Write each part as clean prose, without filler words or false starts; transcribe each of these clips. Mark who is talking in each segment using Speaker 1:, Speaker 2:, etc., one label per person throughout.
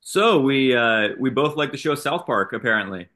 Speaker 1: So we both like the show South Park, apparently.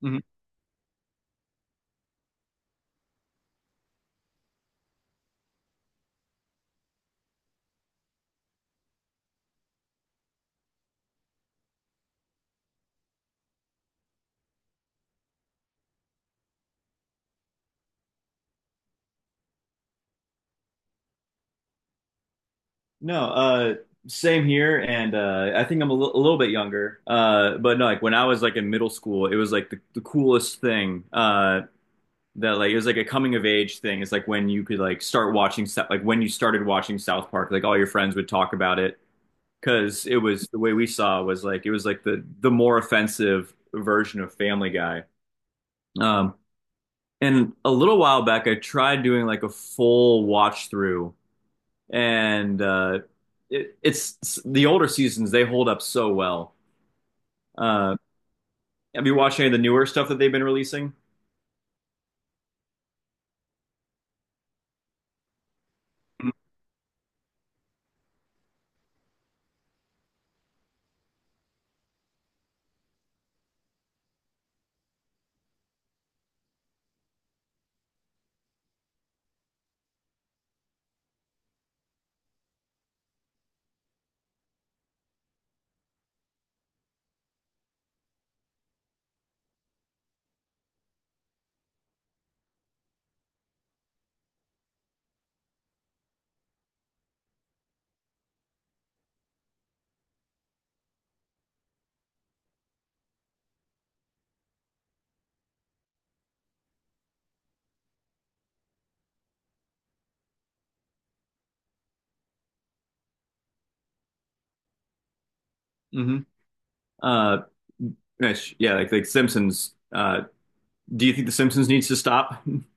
Speaker 1: Mhm. No, same here, and I think I'm a little bit younger. But no, like when I was like in middle school, it was like the coolest thing. That like it was like a coming of age thing. It's like when you could like like when you started watching South Park, like all your friends would talk about it because it was the way we saw was like it was like the more offensive version of Family Guy. Um and a little while back I tried doing like a full watch through and it's the older seasons they hold up so well. Uh, have you watched any of the newer stuff that they've been releasing? Hmm. Uh, Mitch, yeah, like Simpsons. Do you think The Simpsons needs to stop?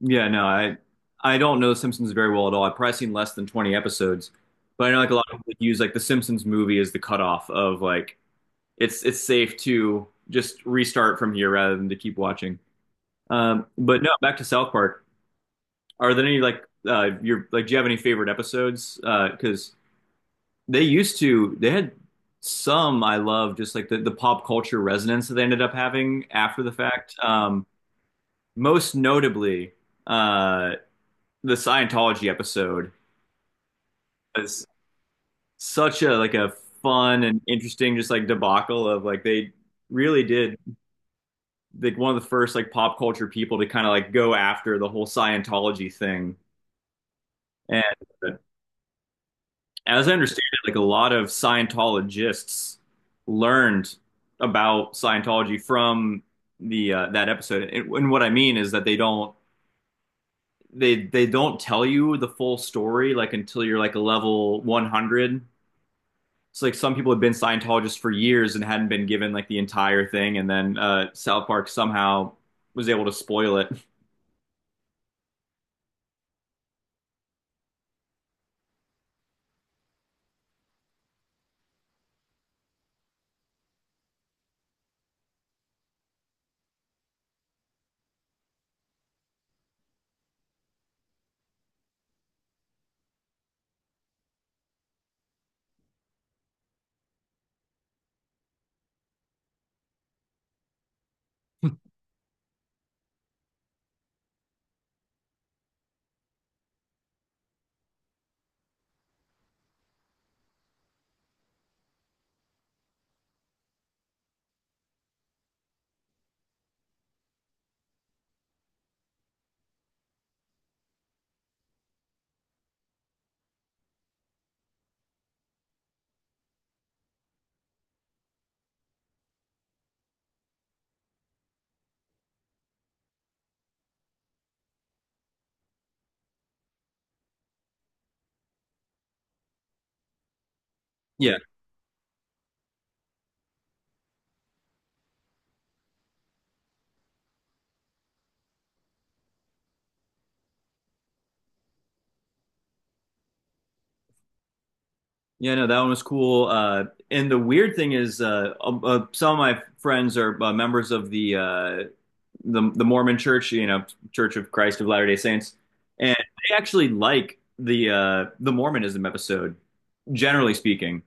Speaker 1: Yeah, no, I don't know The Simpsons very well at all. I've probably seen less than 20 episodes, but I know like a lot of people use like The Simpsons movie as the cutoff of like it's safe to just restart from here rather than to keep watching. But no, back to South Park. Are there any like your like do you have any favorite episodes? 'Cause because they used to they had some I love just like the pop culture resonance that they ended up having after the fact. Most notably uh the Scientology episode is such a like a fun and interesting just like debacle of like they really did like one of the first like pop culture people to kind of like go after the whole Scientology thing and Uh, as I understand it, like a lot of Scientologists learned about Scientology from the that episode. And what I mean is that they don't tell you the full story like until you're like a level 100. So like some people have been Scientologists for years and hadn't been given like the entire thing, and then South Park somehow was able to spoil it. Yeah, yeah, no, that one was cool. And the weird thing is, some of my friends are members of the Mormon Church, you know, Church of Christ of Latter-day Saints, and they actually like the Mormonism episode, generally speaking.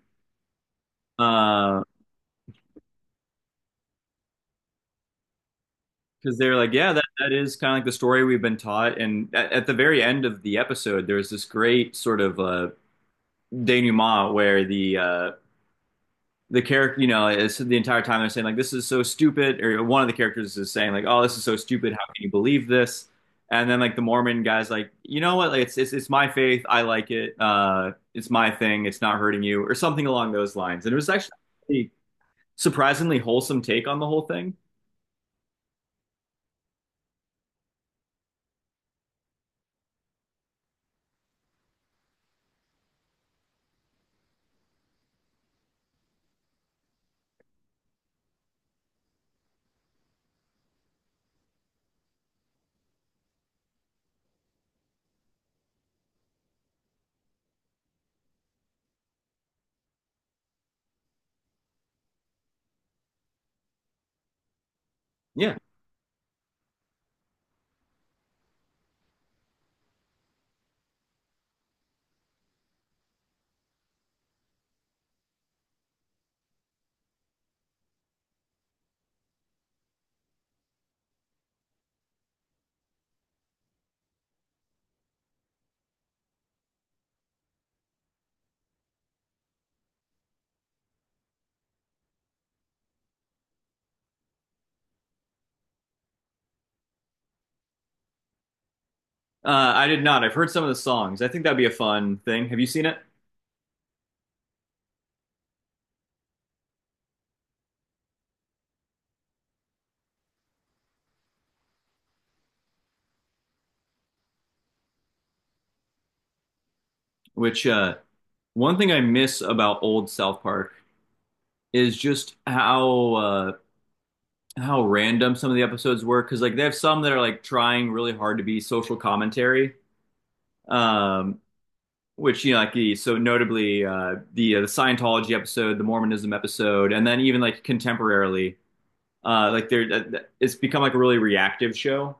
Speaker 1: Uh, because they're like, yeah, that is kind of like the story we've been taught. And at the very end of the episode, there's this great sort of denouement where the character, you know, it's the entire time they're saying like, "This is so stupid," or one of the characters is saying like, "Oh, this is so stupid. How can you believe this?" And then like the Mormon guy's like, "You know what? Like, it's my faith. I like it. It's my thing. It's not hurting you," or something along those lines. And it was actually a surprisingly wholesome take on the whole thing. Yeah, uh, I did not. I've heard some of the songs. I think that'd be a fun thing. Have you seen it? Which one thing I miss about old South Park is just how random some of the episodes were, because like they have some that are like trying really hard to be social commentary, um, which you know like the so notably the Scientology episode, the Mormonism episode, and then even like contemporarily like it's become like a really reactive show,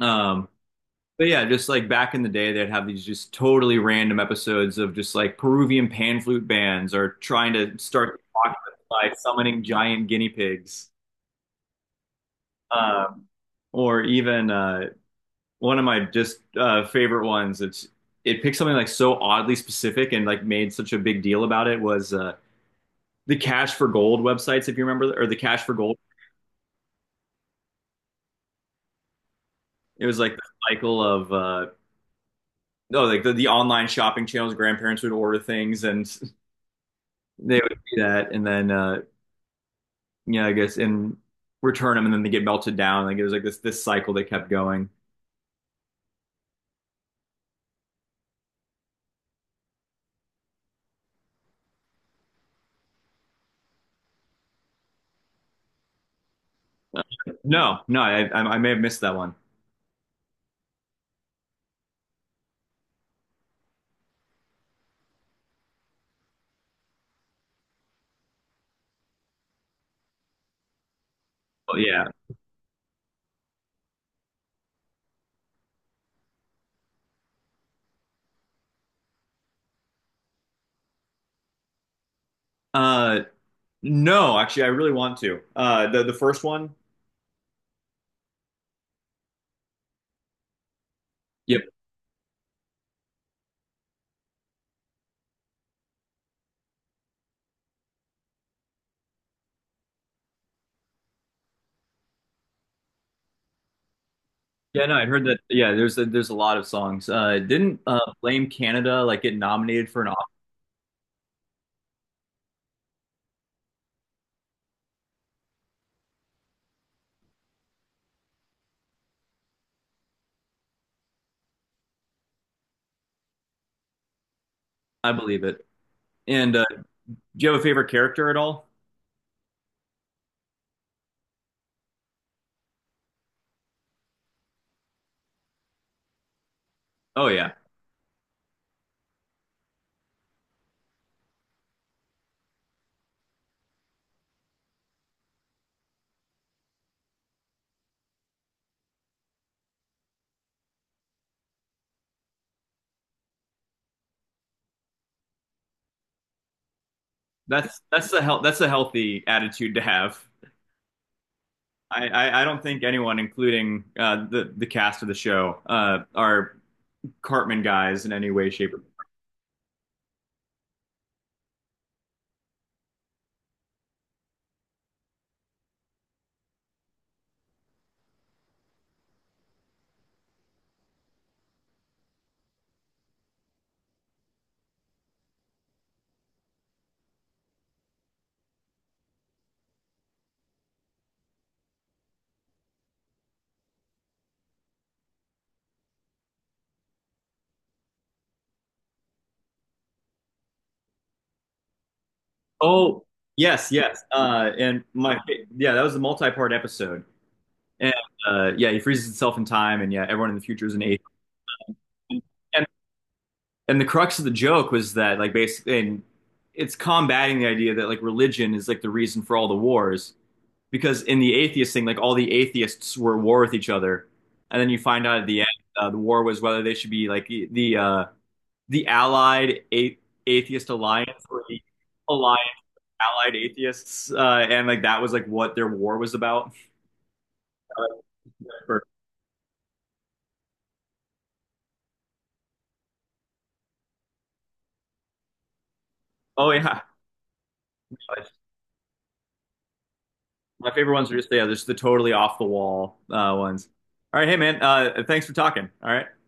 Speaker 1: um, but yeah, just like back in the day they'd have these just totally random episodes of just like Peruvian pan flute bands or trying to start by summoning giant guinea pigs, um, or even one of my just favorite ones. It's it picked something like so oddly specific and like made such a big deal about it, was the Cash for Gold websites, if you remember, or the Cash for Gold. It was like the cycle of no, like the online shopping channels. Grandparents would order things, and they would do that, and then yeah, I guess, and return them, and then they get melted down. Like it was like this cycle that kept going. Uh, no, no, I may have missed that one. Oh, yeah. Uh, no, actually, I really want to. The first one. Yeah. Yeah, no, I'd heard that. Yeah, there's there's a lot of songs. Didn't Blame Canada like get nominated for an Oscar? I believe it. And do you have a favorite character at all? Oh yeah, that's the hel that's a healthy attitude to have. I don't think anyone, including the cast of the show, are Cartman guys in any way, shape, or Oh yes, yes. And my yeah, that was the multi-part episode. And yeah, he freezes himself in time, and yeah, everyone in the future is an atheist. And the crux of the joke was that like basically, and it's combating the idea that like religion is like the reason for all the wars, because in the atheist thing like all the atheists were at war with each other, and then you find out at the end the war was whether they should be like the atheist alliance or the allied allied atheists, and like that was like what their war was about. Uh, for, oh yeah, my favorite ones are just yeah, just the totally off the wall ones. All right, hey man, thanks for talking. All right.